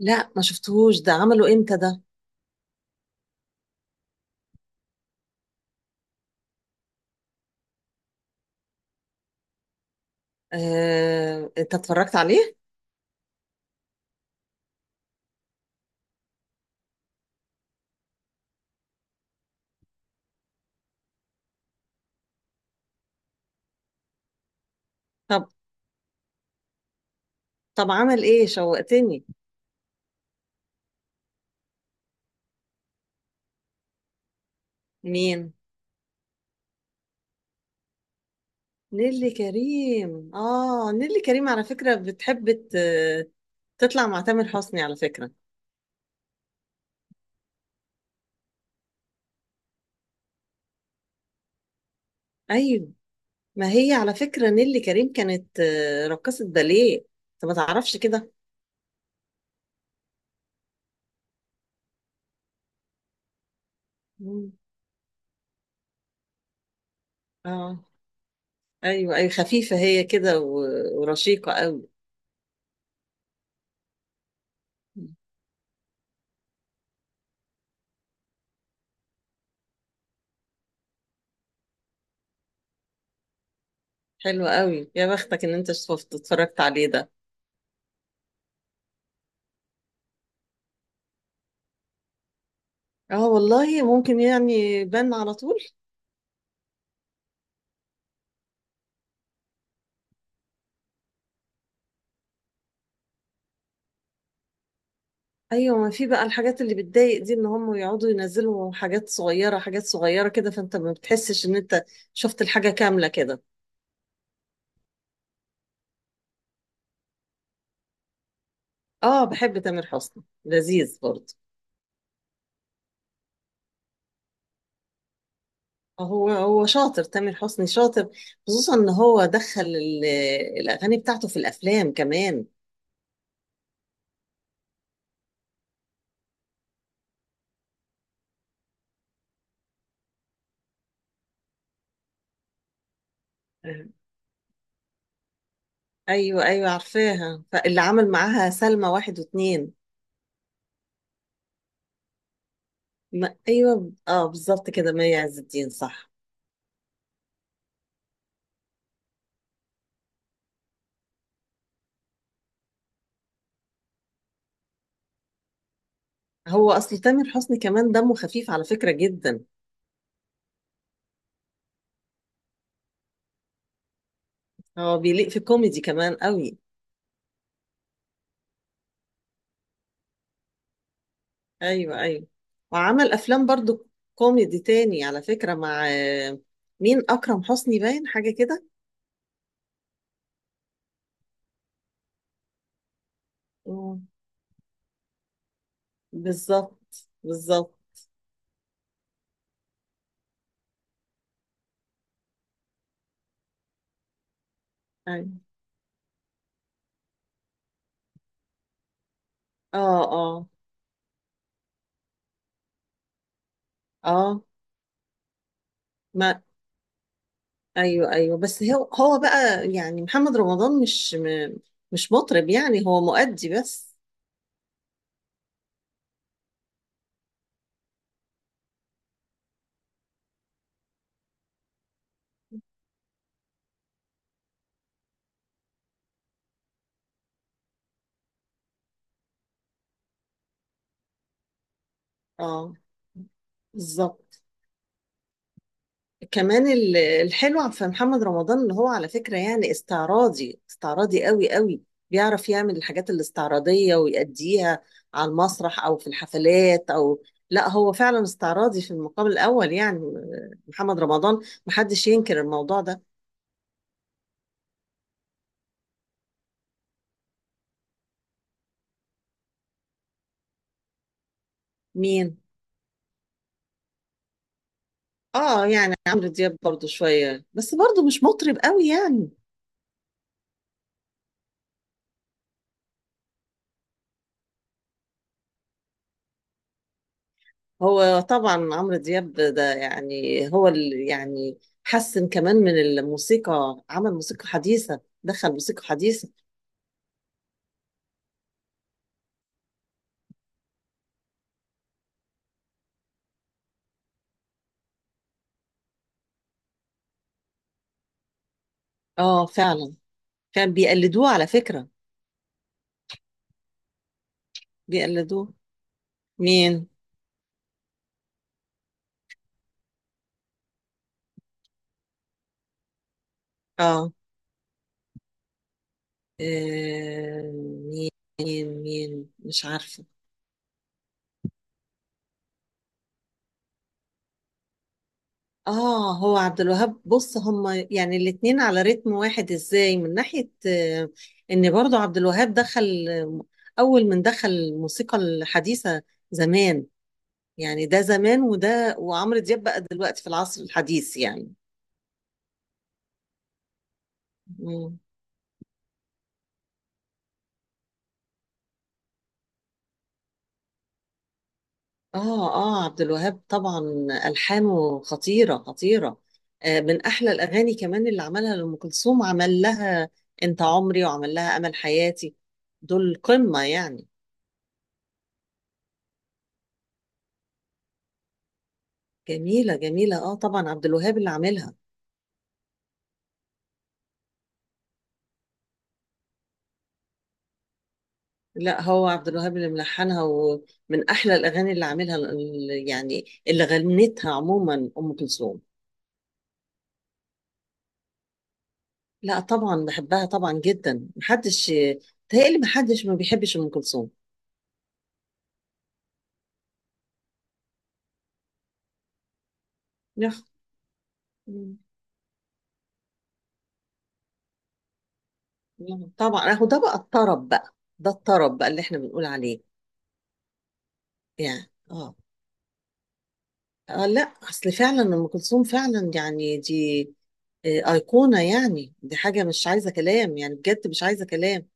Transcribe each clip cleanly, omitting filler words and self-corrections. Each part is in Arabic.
لا، ما شفتهوش. ده عمله امتى ده؟ انت اتفرجت عليه؟ طب. طب عمل ايه؟ شوقتني. مين؟ نيلي كريم. اه، نيلي كريم على فكرة بتحب تطلع مع تامر حسني على فكرة. ايوه. ما هي على فكرة نيلي كريم كانت رقصة باليه. انت ما تعرفش كده؟ مم. اه. ايوه، ايوه، خفيفة هي كده ورشيقة قوي. حلوة قوي، يا بختك ان انت شفت اتفرجت عليه ده. اه والله، ممكن يعني بان على طول. ايوه. ما في بقى الحاجات اللي بتضايق دي، ان هم يقعدوا ينزلوا حاجات صغيره حاجات صغيره كده، فانت ما بتحسش ان انت شفت الحاجه كامله كده. اه، بحب تامر حسني، لذيذ برضه. هو شاطر، تامر حسني شاطر. خصوصا ان هو دخل الاغاني بتاعته في الافلام كمان. آه. ايوه، ايوه، عارفاها. فاللي عمل معاها سلمى واحد واتنين. ما ايوه، اه، بالظبط كده، مي عز الدين، صح. هو اصل تامر حسني كمان دمه خفيف على فكرة جدا. هو بيليق في كوميدي كمان قوي. ايوه، ايوه. وعمل افلام برضو كوميدي تاني على فكرة، مع مين؟ اكرم حسني، باين حاجة كده. مم. بالظبط، بالظبط. ايوه. اه اه، اه. ما ايوه، ايوه، بس هو بقى يعني محمد رمضان مش مش مطرب، يعني هو مؤدي بس. اه. بالظبط. كمان الحلو في محمد رمضان اللي هو على فكرة يعني استعراضي، استعراضي قوي قوي. بيعرف يعمل الحاجات الاستعراضية ويأديها على المسرح أو في الحفلات أو... لا هو فعلا استعراضي في المقام الأول، يعني محمد رمضان، محدش ينكر الموضوع ده. مين؟ اه، يعني عمرو دياب برضو شوية، بس برضو مش مطرب قوي يعني. هو طبعا عمرو دياب ده، يعني هو اللي يعني حسن كمان من الموسيقى، عمل موسيقى حديثة، دخل موسيقى حديثة. اه فعلا. فعلا بيقلدوه على فكرة. بيقلدوه. مين؟ اه. آه، مين مين مين؟ مش عارفة. اه، هو عبد الوهاب. بص، هما يعني الاتنين على رتم واحد ازاي، من ناحية ان برضو عبد الوهاب دخل اول من دخل الموسيقى الحديثة زمان. يعني ده زمان، وده وعمرو دياب بقى دلوقتي في العصر الحديث يعني. مم. اه، اه، عبد الوهاب طبعا. ألحانه خطيرة، خطيرة. من أحلى الأغاني كمان اللي عملها لأم كلثوم، عمل لها أنت عمري، وعمل لها أمل حياتي. دول قمة يعني. جميلة، جميلة، اه طبعا، عبد الوهاب اللي عاملها. لا، هو عبد الوهاب اللي ملحنها، ومن أحلى الأغاني اللي عاملها يعني اللي غنتها عموما أم كلثوم. لا، طبعا بحبها طبعا جدا، محدش، تهيألي محدش ما بيحبش ام كلثوم. يخ. مم. يخ. طبعا اهو ده بقى الطرب بقى، ده الطرب بقى اللي احنا بنقول عليه. يعني اه. لا اصل فعلا ام كلثوم فعلا يعني دي ايقونه، يعني دي حاجه مش عايزه كلام يعني، بجد مش عايزه كلام.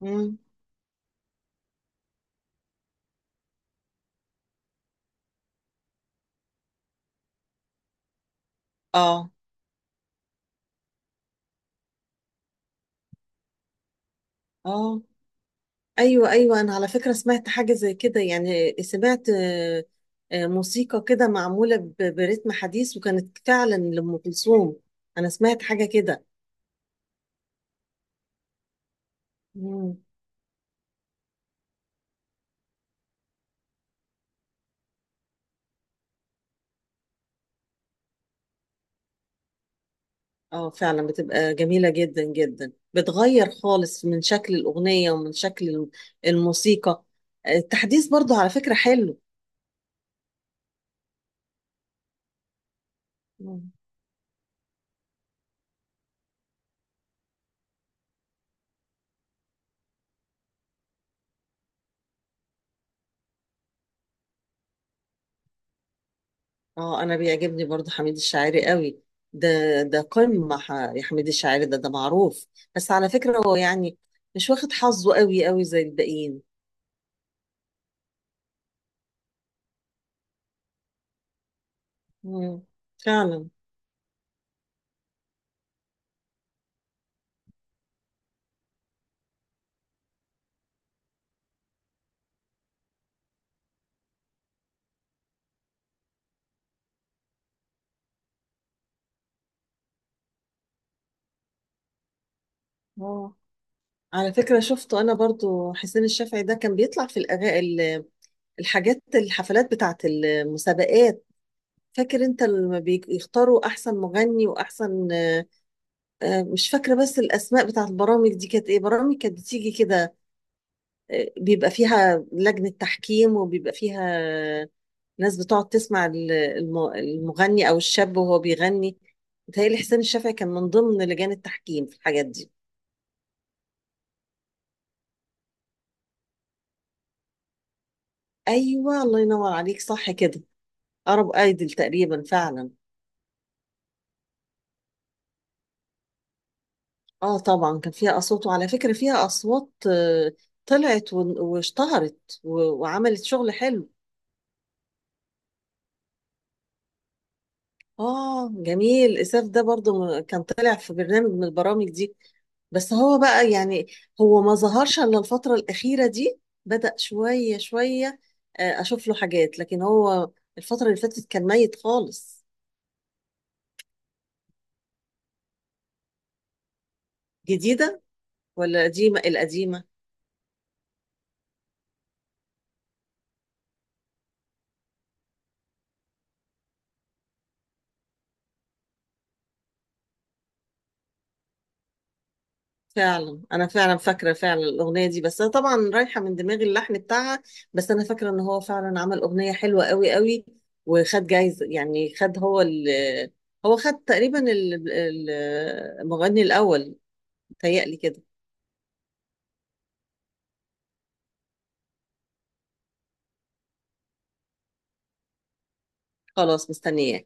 مم. اه، اه. ايوه، ايوه، انا على فكره سمعت حاجه زي كده، يعني سمعت موسيقى كده معموله برتم حديث، وكانت فعلا لام كلثوم. انا سمعت حاجه كده. مم. اه فعلا، بتبقى جميله جدا جدا، بتغير خالص من شكل الاغنيه ومن شكل الموسيقى. التحديث برضو على فكره حلو. اه، انا بيعجبني برضو حميد الشاعري قوي. ده، ده قمة، يا حميد الشاعري، ده معروف. بس على فكرة هو يعني مش واخد حظه قوي قوي زي الباقيين. مم. فعلا. اه. على فكرة شفته أنا برضو، حسين الشافعي ده كان بيطلع في الحاجات، الحفلات بتاعت المسابقات. فاكر أنت لما بيختاروا أحسن مغني وأحسن مش فاكرة بس الأسماء بتاعت البرامج دي كانت إيه، برامج كانت بتيجي كده، بيبقى فيها لجنة تحكيم وبيبقى فيها ناس بتقعد تسمع المغني أو الشاب وهو بيغني. متهيألي حسين الشافعي كان من ضمن لجان التحكيم في الحاجات دي. أيوة، الله ينور عليك، صح كده. أرب أيدل تقريبا، فعلا. آه طبعا كان فيها أصوات، وعلى فكرة فيها أصوات طلعت واشتهرت وعملت شغل حلو. اه، جميل، اساف ده برضو كان طالع في برنامج من البرامج دي، بس هو بقى يعني هو ما ظهرش الا الفترة الأخيرة دي، بدأ شوية شوية اشوف له حاجات، لكن هو الفترة اللي فاتت كان ميت خالص. جديدة ولا قديمة؟ القديمة. فعلا، انا فعلا فاكره فعلا الاغنيه دي، بس انا طبعا رايحه من دماغي اللحن بتاعها، بس انا فاكره ان هو فعلا عمل اغنيه حلوه قوي قوي، وخد جايزه، يعني خد هو ال هو خد تقريبا المغني الاول، متهيألي كده. خلاص، مستنياه.